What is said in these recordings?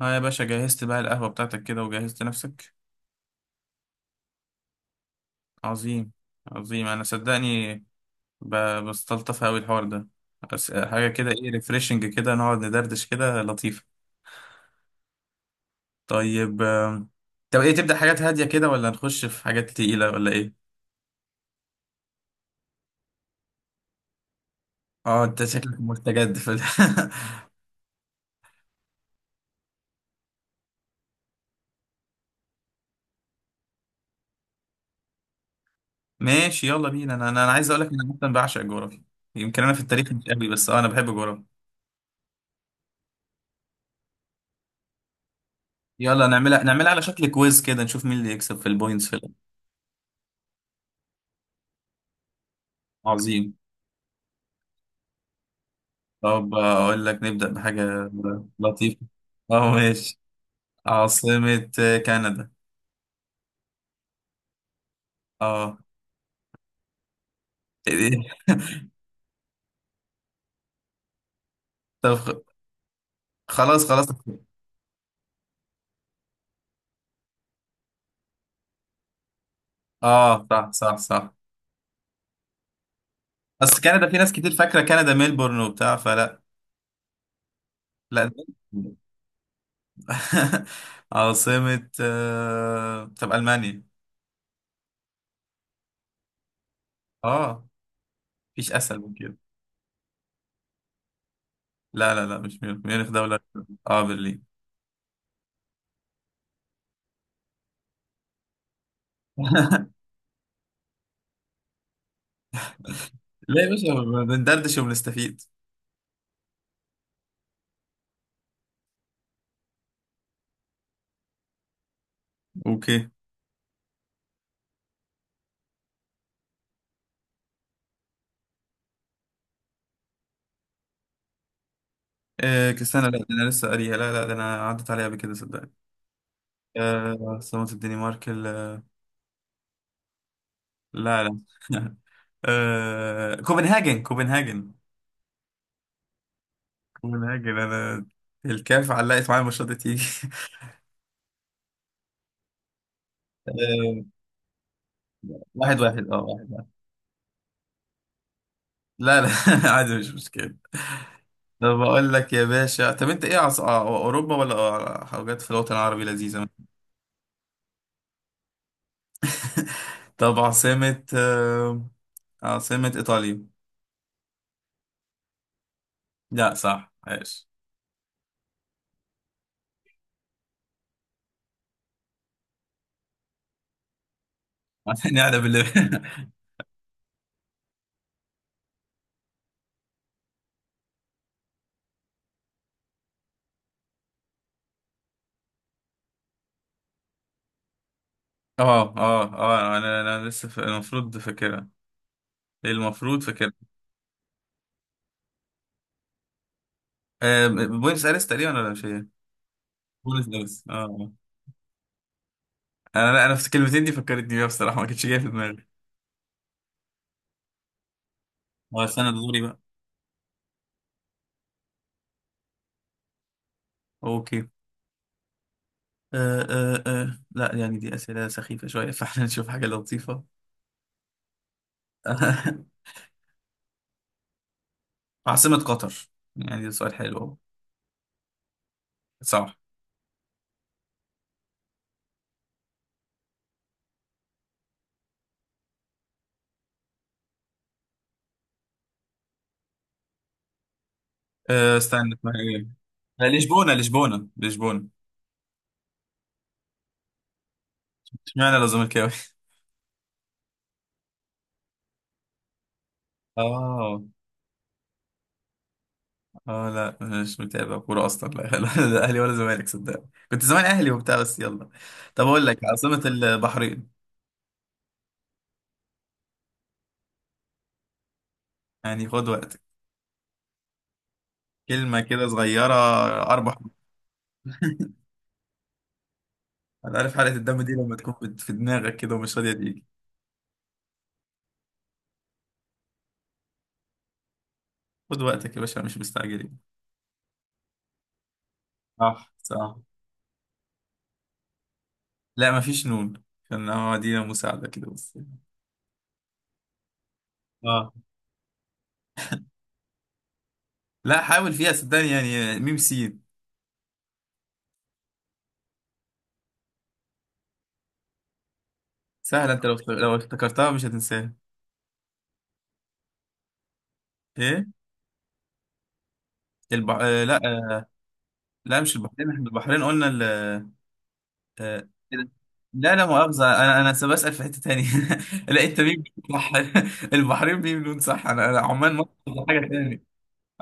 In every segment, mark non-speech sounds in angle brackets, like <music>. اه يا باشا، جهزت بقى القهوة بتاعتك كده وجهزت نفسك. عظيم. عظيم، انا صدقني. بستلطف اوي الحوار ده. بس حاجة كده، ايه ريفريشنج كده، نقعد ندردش كده لطيفة. طيب. طب ايه، تبدأ حاجات هادية كده ولا نخش في حاجات تقيلة ولا ايه؟ اه، انت شكلك مستجد في ال- <laughs> ماشي، يلا بينا. انا انا أنا عايز اقولك، انا مثلا بعشق الجغرافيا. يمكن انا في التاريخ مش قوي، بس انا بحب الجغرافيا. يلا نعملها، نعملها على شكل كويز كده نشوف مين اللي يكسب في البوينتس في الآخر. عظيم. طب أقول لك نبدأ بحاجة لطيفة. أه، ماشي. عاصمة كندا؟ أه. إيه؟ طب خلاص خلاص. أه، صح صح صح. أصل كندا في ناس كتير فاكرة كندا ميلبورن وبتاع فلا. لا. <laughs> عاصمة طب ألمانيا؟ أه، مفيش أسهل من كده. لا لا لا، مش ميونخ، ميونخ دولة. أه، برلين. <laughs> لا يا باشا، بندردش وبنستفيد. اوكي. آه، كسانة. لا، ده انا لسه قاريها. لا لا، ده انا عدت عليها قبل كده صدق. آه، عاصمة الدنمارك ال- لا لا. <laughs> آه، كوبنهاجن كوبنهاجن. كوبنهاجن، انا الكاف علقت معايا الماتشات دي تيجي. <laughs> آه، واحد واحد. اه، واحد واحد. لا لا. <laughs> عادي، مش مشكلة. طب بقول لك يا باشا، طب انت ايه، عص... آه، اوروبا ولا حاجات في الوطن العربي لذيذة؟ <laughs> طب عاصمة ايطاليا؟ لا، صح، عايش. <laughs> عشان قاعدة بالليل. <laughs> اه اه اه، انا لسه المفروض فاكرها. المفروض فاكرها. آه، بوينس ايرس تقريبا، ولا مش هي؟ بوينس ايرس، اه، آه. انا، لا، انا في الكلمتين دي فكرتني بيها بصراحه، ما كانتش جايه في دماغي. اه، استنى، ده دوري بقى. اوكي. آه آه آه. لا يعني دي اسئله سخيفه شويه، فاحنا <laughs> نشوف حاجه لطيفه. <laughs> عاصمه قطر؟ يعني ده سؤال حلو أهو. صح. آه، استنى، اسمها ايه؟ لا، لشبونه لشبونه لشبونه. اشمعنى لو زملكاوي؟ <laughs> اه، اه، لا مش متابع كوره اصلا، لا. <laughs> لا. لا اهلي ولا زمالك صدق. كنت زمان اهلي وبتاع، بس يلا. طب اقول لك، عاصمه البحرين؟ يعني خد وقتك. كلمة كده صغيرة. 4 حروف. <laughs> أنا عارف، حلقة الدم دي لما تكون في دماغك كده ومش راضية تيجي. خد وقتك يا باشا، مش مستعجلين. صح، صح. لا، مفيش نون. كان هو دي مساعدة كده بس. اه. لا، حاول فيها صدقني، يعني ميم سين. سهلة. أنت لو افتكرتها مش هتنساها. إيه؟ البح... آه، لا. لا، مش البحرين، إحنا البحرين قلنا. آه، لا، لا مؤاخذة. أنا لسه بسأل في حتة تانية. <laughs> لا، أنت مين؟ صح. <laughs> البحرين مين لون صح. أنا عمان مسقط، ده حاجة تانية.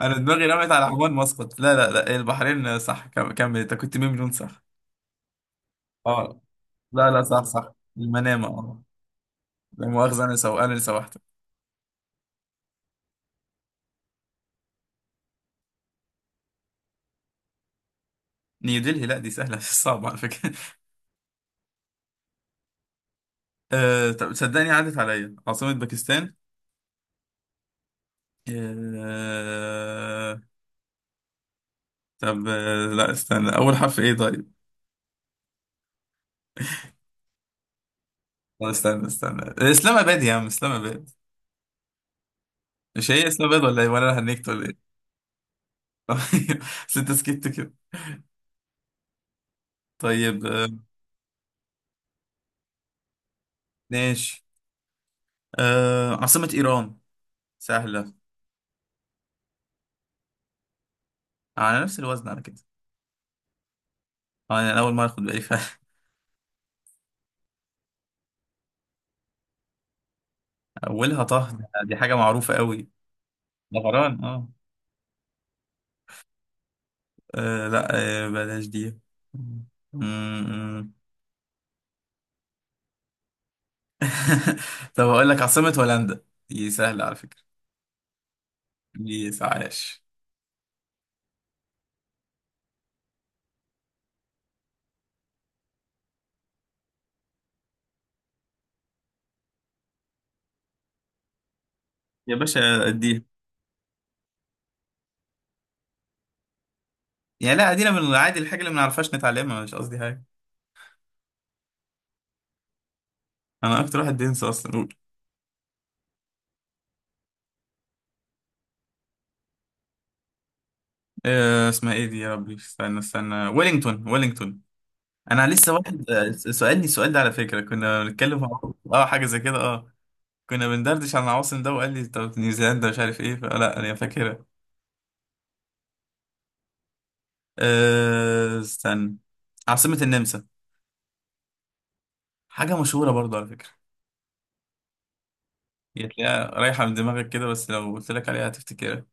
أنا دماغي رمت على عمان مسقط. لا لا لا، البحرين صح. كمل، أنت كنت مين لون صح. أه، لا لا، صح صح، المنامة. أه. لا مؤاخذة، أنا اللي سوحتك. نيودلهي، لا دي سهلة. <laughs> مش صعبة على فكرة. <laughs> أه، طب صدقني عدت عليا عاصمة باكستان. أه. طب، لا استنى، أول حرف إيه طيب؟ طب استنى استنى، اسلام اباد يا عم، اسلام اباد. مش هي اسلام اباد، ولا ايه، ولا انا هنكت ولا ايه؟ <laughs> طيب. بس انت سكت كده. طيب. ماشي. عاصمة ايران. سهلة، على نفس الوزن على كده. يعني انا اول مرة اخد بالي فعلا. <laughs> اولها طه. دي حاجة معروفة قوي. طهران، اه. لا. بلاش دي. م- م. <laughs> طب اقول لك عاصمة هولندا، دي سهلة على فكرة. دي عاش. يا باشا، اديها. يعني لا، ادينا من العادي، الحاجة اللي ما نعرفهاش نتعلمها، مش قصدي حاجة. انا اكتر واحد بينسى اصلا، قول. آه، اسمها ايه دي يا ربي، استنى استنى، ويلينغتون ويلينغتون. انا لسه واحد سألني السؤال ده على فكرة، كنا بنتكلم مع- اه، حاجة زي كده، اه. كنا بندردش عن العواصم ده وقال لي طب نيوزيلندا مش عارف ايه فلا، انا فاكرها. آه، استنى. عاصمة النمسا، حاجة مشهورة برضه على فكرة. هي تلاقيها رايحة من دماغك كده، بس لو قلت لك عليها هتفتكرها.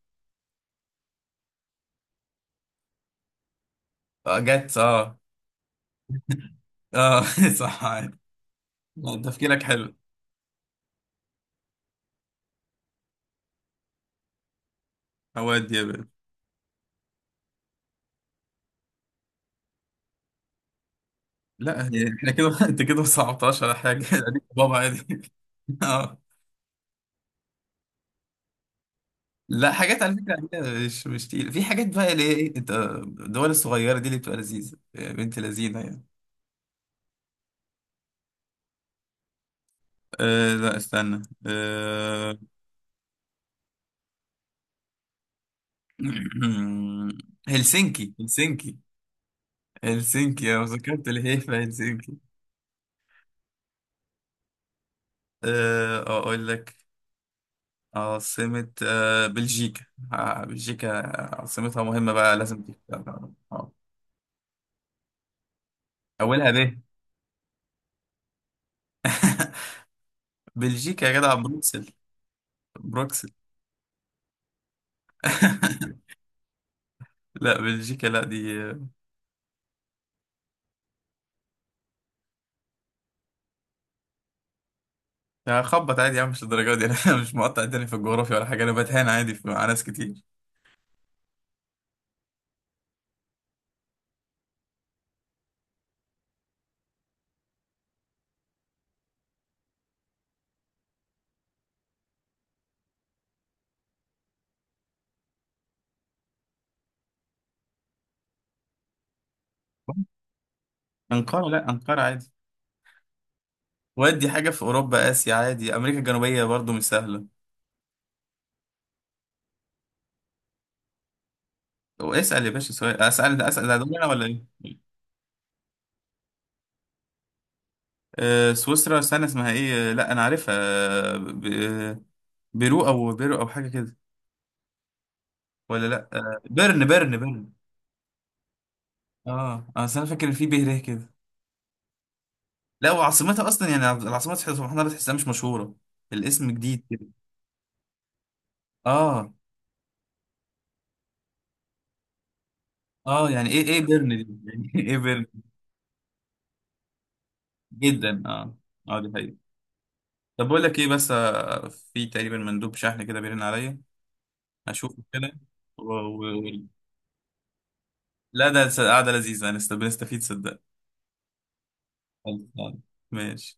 آه، جت، اه. اه. <laughs> صح، عادي. لا، تفكيرك حلو. هو دي. لا، هي- احنا كده. <laughs> انت كده ما صعبتهاش على حاجه، <laughs> يعني بابا عادي. <laughs> اه. لا، حاجات على فكره عادية، مش تقيل، في حاجات بقى اللي هي ايه، انت الدول الصغيره دي اللي بتبقى لذيذه يا بنت، لذينه يعني. أه، لا استنى. أه. <clears throat> هلسنكي هلسنكي. هلسنكي، انا ذكرت اللي هي في هلسنكي. أه، اقول لك عاصمه بلجيكا. بلجيكا، عاصمتها مهمه بقى، لازم تبقى- آه. اولها ب. <laughs> بلجيكا يا جدع، بروكسل. بروكسل. <laughs> لا، بلجيكا لا دي. يعني خبط عادي يا عم، مش الدرجه دي. <laughs> انا مش مقطع الدنيا في الجغرافيا ولا حاجه، انا بتهان عادي في- مع ناس كتير. انقره، لا انقره عادي. ودي حاجه في اوروبا، اسيا عادي، امريكا الجنوبيه برضو مش سهله. واسال يا باشا سؤال، اسال اسال هدول انا ولا ايه؟ سويسرا، استنى اسمها ايه، لا انا عارفها، بيرو او بيرو او حاجه كده. ولا لا، بيرن بيرن بيرن. اه، اصل انا فاكر إن في به ر كده. لا، وعاصمتها اصلا يعني العاصمه سبحان الله بتحسها مش مشهوره، الاسم جديد كده. اه، اه، يعني ايه، ايه بيرن دي يعني. <laughs> ايه بيرن؟ جدا، اه. اه، دي حقيقة. طب بقول لك ايه بس، في تقريبا مندوب شحن كده بيرن عليا، اشوفه كده. و... و... لا ده قعده لذيذه، بنستفيد صدق. خلاص. ماشي.